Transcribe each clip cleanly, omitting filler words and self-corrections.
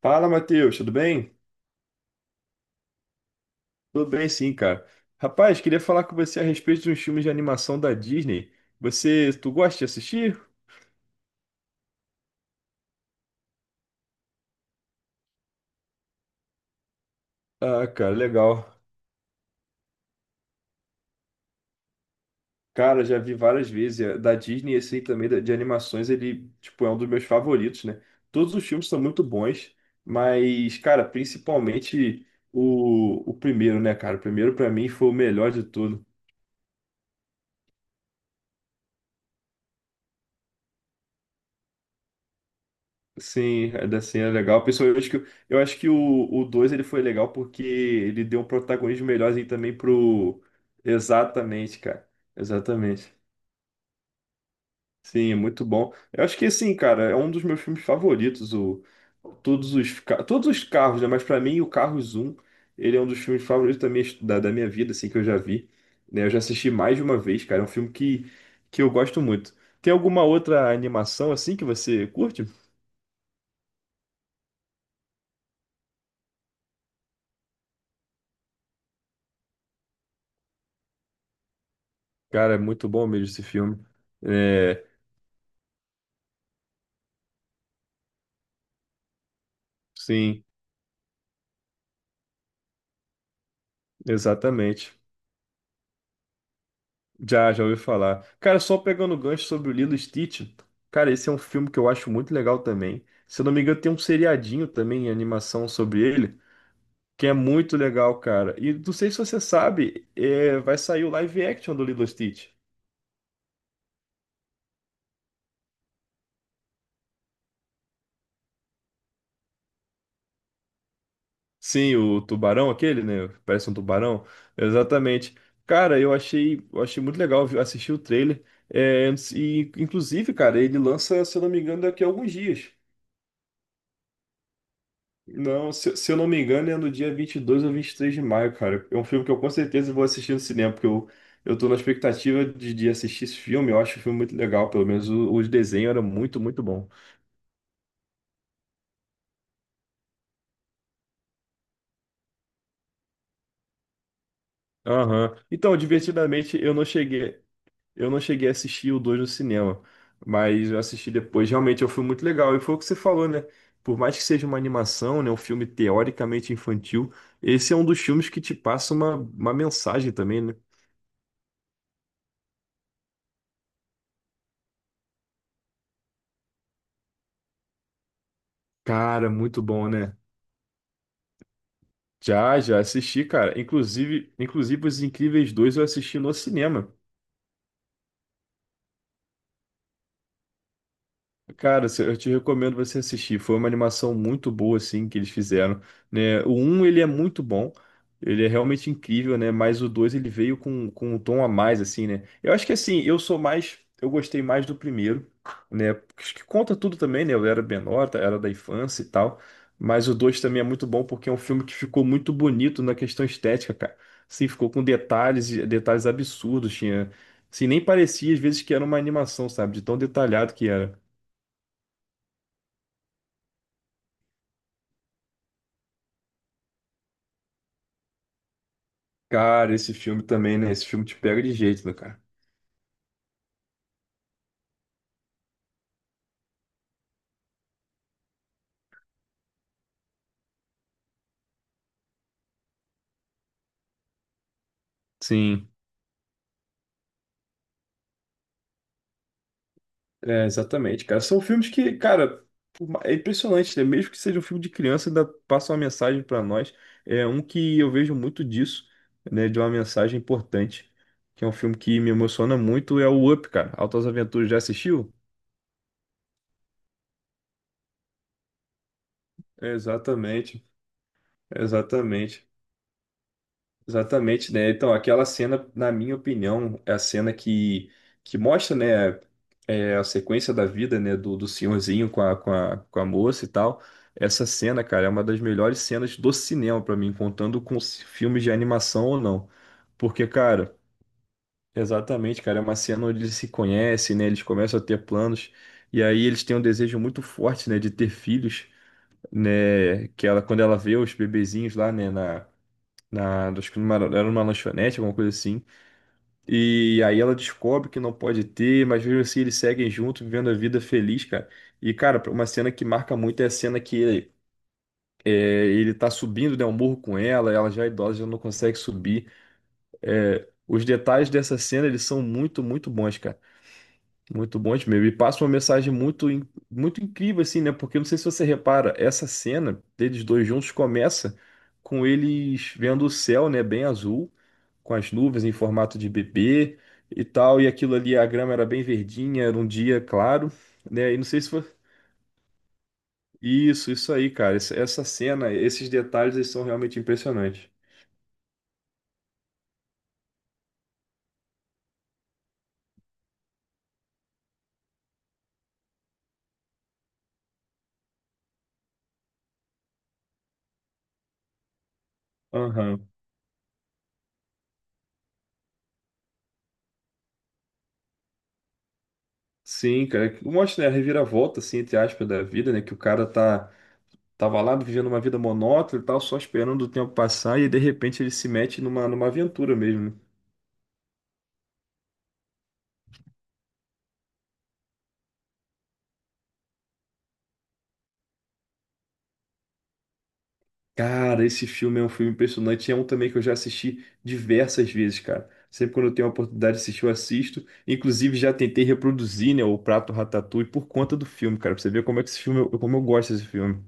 Fala, Matheus, tudo bem? Tudo bem, sim, cara. Rapaz, queria falar com você a respeito de uns filmes de animação da Disney. Você, tu gosta de assistir? Ah, cara, legal. Cara, já vi várias vezes. É, da Disney, esse aí também de animações, ele, tipo, é um dos meus favoritos, né? Todos os filmes são muito bons, mas, cara, principalmente o primeiro, né, cara? O primeiro, pra mim, foi o melhor de tudo. Sim, é, da cena é legal. Pessoal, eu acho que o 2 ele foi legal porque ele deu um protagonismo melhorzinho também pro. Exatamente, cara. Exatamente. Sim, é muito bom. Eu acho que assim, cara, é um dos meus filmes favoritos. O, todos os, todos os carros, né? Mas pra mim, o Carros um ele é um dos filmes favoritos da minha, da minha vida, assim, que eu já vi. Né? Eu já assisti mais de uma vez, cara. É um filme que eu gosto muito. Tem alguma outra animação assim que você curte? Cara, é muito bom mesmo esse filme. É, sim, exatamente. Já, já ouvi falar. Cara, só pegando o gancho sobre o Lilo e Stitch, cara, esse é um filme que eu acho muito legal também. Se eu não me engano, tem um seriadinho também em animação sobre ele, que é muito legal, cara. E não sei se você sabe, é, vai sair o live action do Lilo e Stitch. Sim, o tubarão aquele, né? Parece um tubarão. Exatamente. Cara, eu achei muito legal viu, assistir o trailer. É, e, inclusive, cara, ele lança, se eu não me engano, daqui a alguns dias. Não, se eu não me engano, é no dia 22 ou 23 de maio, cara. É um filme que eu com certeza vou assistir no cinema, porque eu tô na expectativa de assistir esse filme. Eu acho o filme muito legal, pelo menos o desenho era muito, muito bom. Aham. Então, divertidamente, eu não cheguei. Eu não cheguei a assistir o 2 no cinema, mas eu assisti depois. Realmente, é um filme muito legal. E foi o que você falou, né? Por mais que seja uma animação, né, um filme teoricamente infantil, esse é um dos filmes que te passa uma mensagem também, né? Cara, muito bom, né? Já, já assisti, cara. Inclusive, inclusive Os Incríveis dois eu assisti no cinema. Cara, eu te recomendo você assistir. Foi uma animação muito boa, assim, que eles fizeram, né? O um ele é muito bom. Ele é realmente incrível, né? Mas o 2 ele veio com um tom a mais, assim, né? Eu acho que, assim, eu sou mais... Eu gostei mais do primeiro, né? Acho que conta tudo também, né? Eu era menor, tá? Era da infância e tal. Mas o 2 também é muito bom porque é um filme que ficou muito bonito na questão estética, cara. Assim, ficou com detalhes, detalhes absurdos. Tinha... Assim, nem parecia, às vezes, que era uma animação, sabe? De tão detalhado que era. Cara, esse filme também, né? Esse filme te pega de jeito, né, cara? Sim, é, exatamente, cara. São filmes que, cara, é impressionante, né? Mesmo que seja um filme de criança, ainda passa uma mensagem pra nós. É um que eu vejo muito disso, né? De uma mensagem importante, que é um filme que me emociona muito, é o Up, cara. Altas Aventuras, já assistiu? Exatamente, exatamente. Exatamente, né? Então, aquela cena, na minha opinião, é a cena que mostra, né, é, a sequência da vida, né, do senhorzinho com a, com a, com a moça e tal. Essa cena, cara, é uma das melhores cenas do cinema pra mim, contando com os filmes de animação ou não. Porque, cara, exatamente, cara, é uma cena onde eles se conhecem, né, eles começam a ter planos, e aí eles têm um desejo muito forte, né, de ter filhos, né, que ela, quando ela vê os bebezinhos lá, né, na acho que numa, era numa lanchonete, alguma coisa assim. E aí ela descobre que não pode ter, mas mesmo assim eles seguem junto, vivendo a vida feliz, cara. E, cara, uma cena que marca muito é a cena que ele, é, ele tá subindo, né, um morro com ela, ela já é idosa, já não consegue subir. É, os detalhes dessa cena, eles são muito, muito bons, cara. Muito bom, Edmil. E passa uma mensagem muito, muito incrível, assim, né? Porque eu não sei se você repara, essa cena deles dois juntos começa com eles vendo o céu, né? Bem azul, com as nuvens em formato de bebê e tal. E aquilo ali, a grama era bem verdinha, era um dia claro, né? E não sei se foi. Isso aí, cara. Essa cena, esses detalhes, eles são realmente impressionantes. Aham. Sim, cara. Mostra, né, a reviravolta, assim, entre aspas, da vida, né? Que o cara tá. Tava lá vivendo uma vida monótona e tal, só esperando o tempo passar, e de repente ele se mete numa, numa aventura mesmo, né? Cara, esse filme é um filme impressionante. É um também que eu já assisti diversas vezes, cara. Sempre quando eu tenho a oportunidade de assistir, eu assisto. Inclusive, já tentei reproduzir, né, o prato Ratatouille por conta do filme, cara. Pra você ver como é que esse filme, como eu gosto desse filme.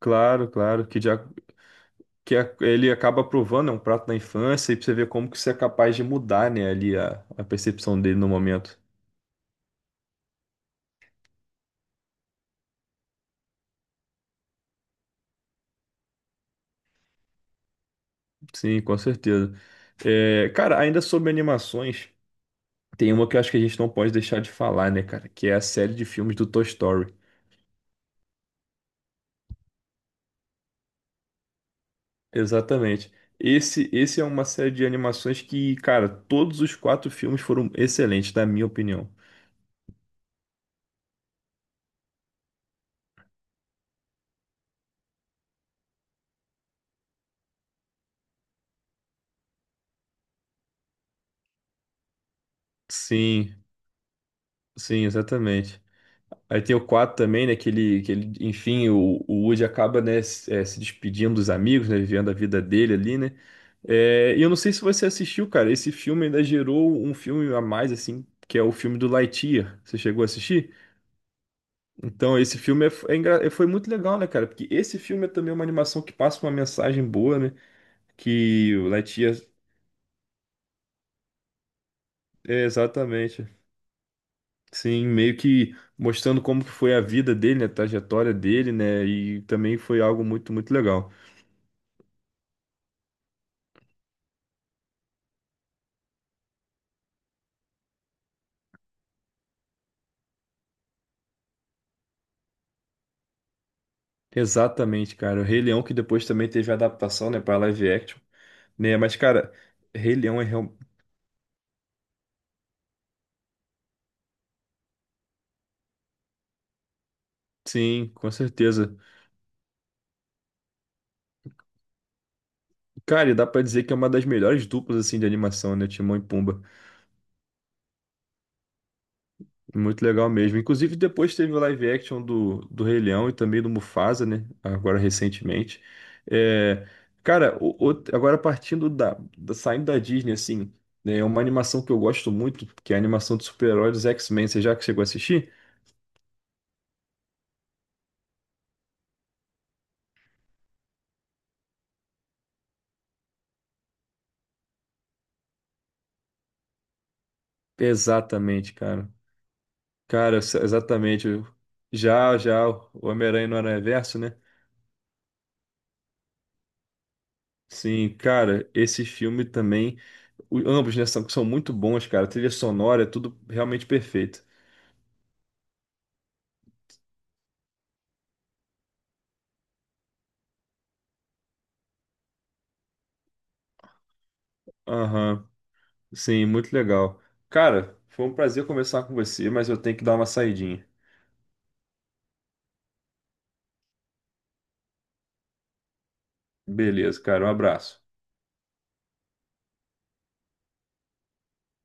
Claro, claro, que, já, ele acaba provando, é um prato da infância, e pra você ver como que você é capaz de mudar, né, ali a percepção dele no momento. Sim, com certeza. É, cara, ainda sobre animações, tem uma que eu acho que a gente não pode deixar de falar, né, cara? Que é a série de filmes do Toy Story. Exatamente. Esse é uma série de animações que, cara, todos os 4 filmes foram excelentes, na minha opinião. Sim, sim, exatamente. Aí tem o 4 também, né? Que ele enfim, o Woody acaba, né, se, se despedindo dos amigos, né? Vivendo a vida dele ali, né? E eu não sei se você assistiu, cara. Esse filme ainda gerou um filme a mais, assim, que é o filme do Lightyear. Você chegou a assistir? Então, esse filme é, foi muito legal, né, cara? Porque esse filme é também uma animação que passa uma mensagem boa, né? Que o Lightyear. É, exatamente. Sim, meio que mostrando como que foi a vida dele, né, a trajetória dele, né? E também foi algo muito, muito legal. Exatamente, cara. O Rei Leão que depois também teve adaptação, né, para live action, né? Mas cara, Rei Leão é real... Sim, com certeza. Cara, e dá pra dizer que é uma das melhores duplas assim de animação, né, Timão e Pumba. Muito legal mesmo. Inclusive depois teve o live action do, do Rei Leão e também do Mufasa, né? Agora recentemente. É... Cara, agora partindo da, da saindo da Disney assim, né, é uma animação que eu gosto muito, que é a animação de super-heróis dos X-Men. Você já que chegou a assistir? Exatamente, cara. Cara, exatamente. Já, já, o Homem-Aranha no Aranhaverso, né? Sim, cara, esse filme também, o- ambos, né, são, são muito bons, cara. A trilha sonora, é tudo realmente perfeito. Aham, sim, muito legal. Cara, foi um prazer conversar com você, mas eu tenho que dar uma saidinha. Beleza, cara, um abraço.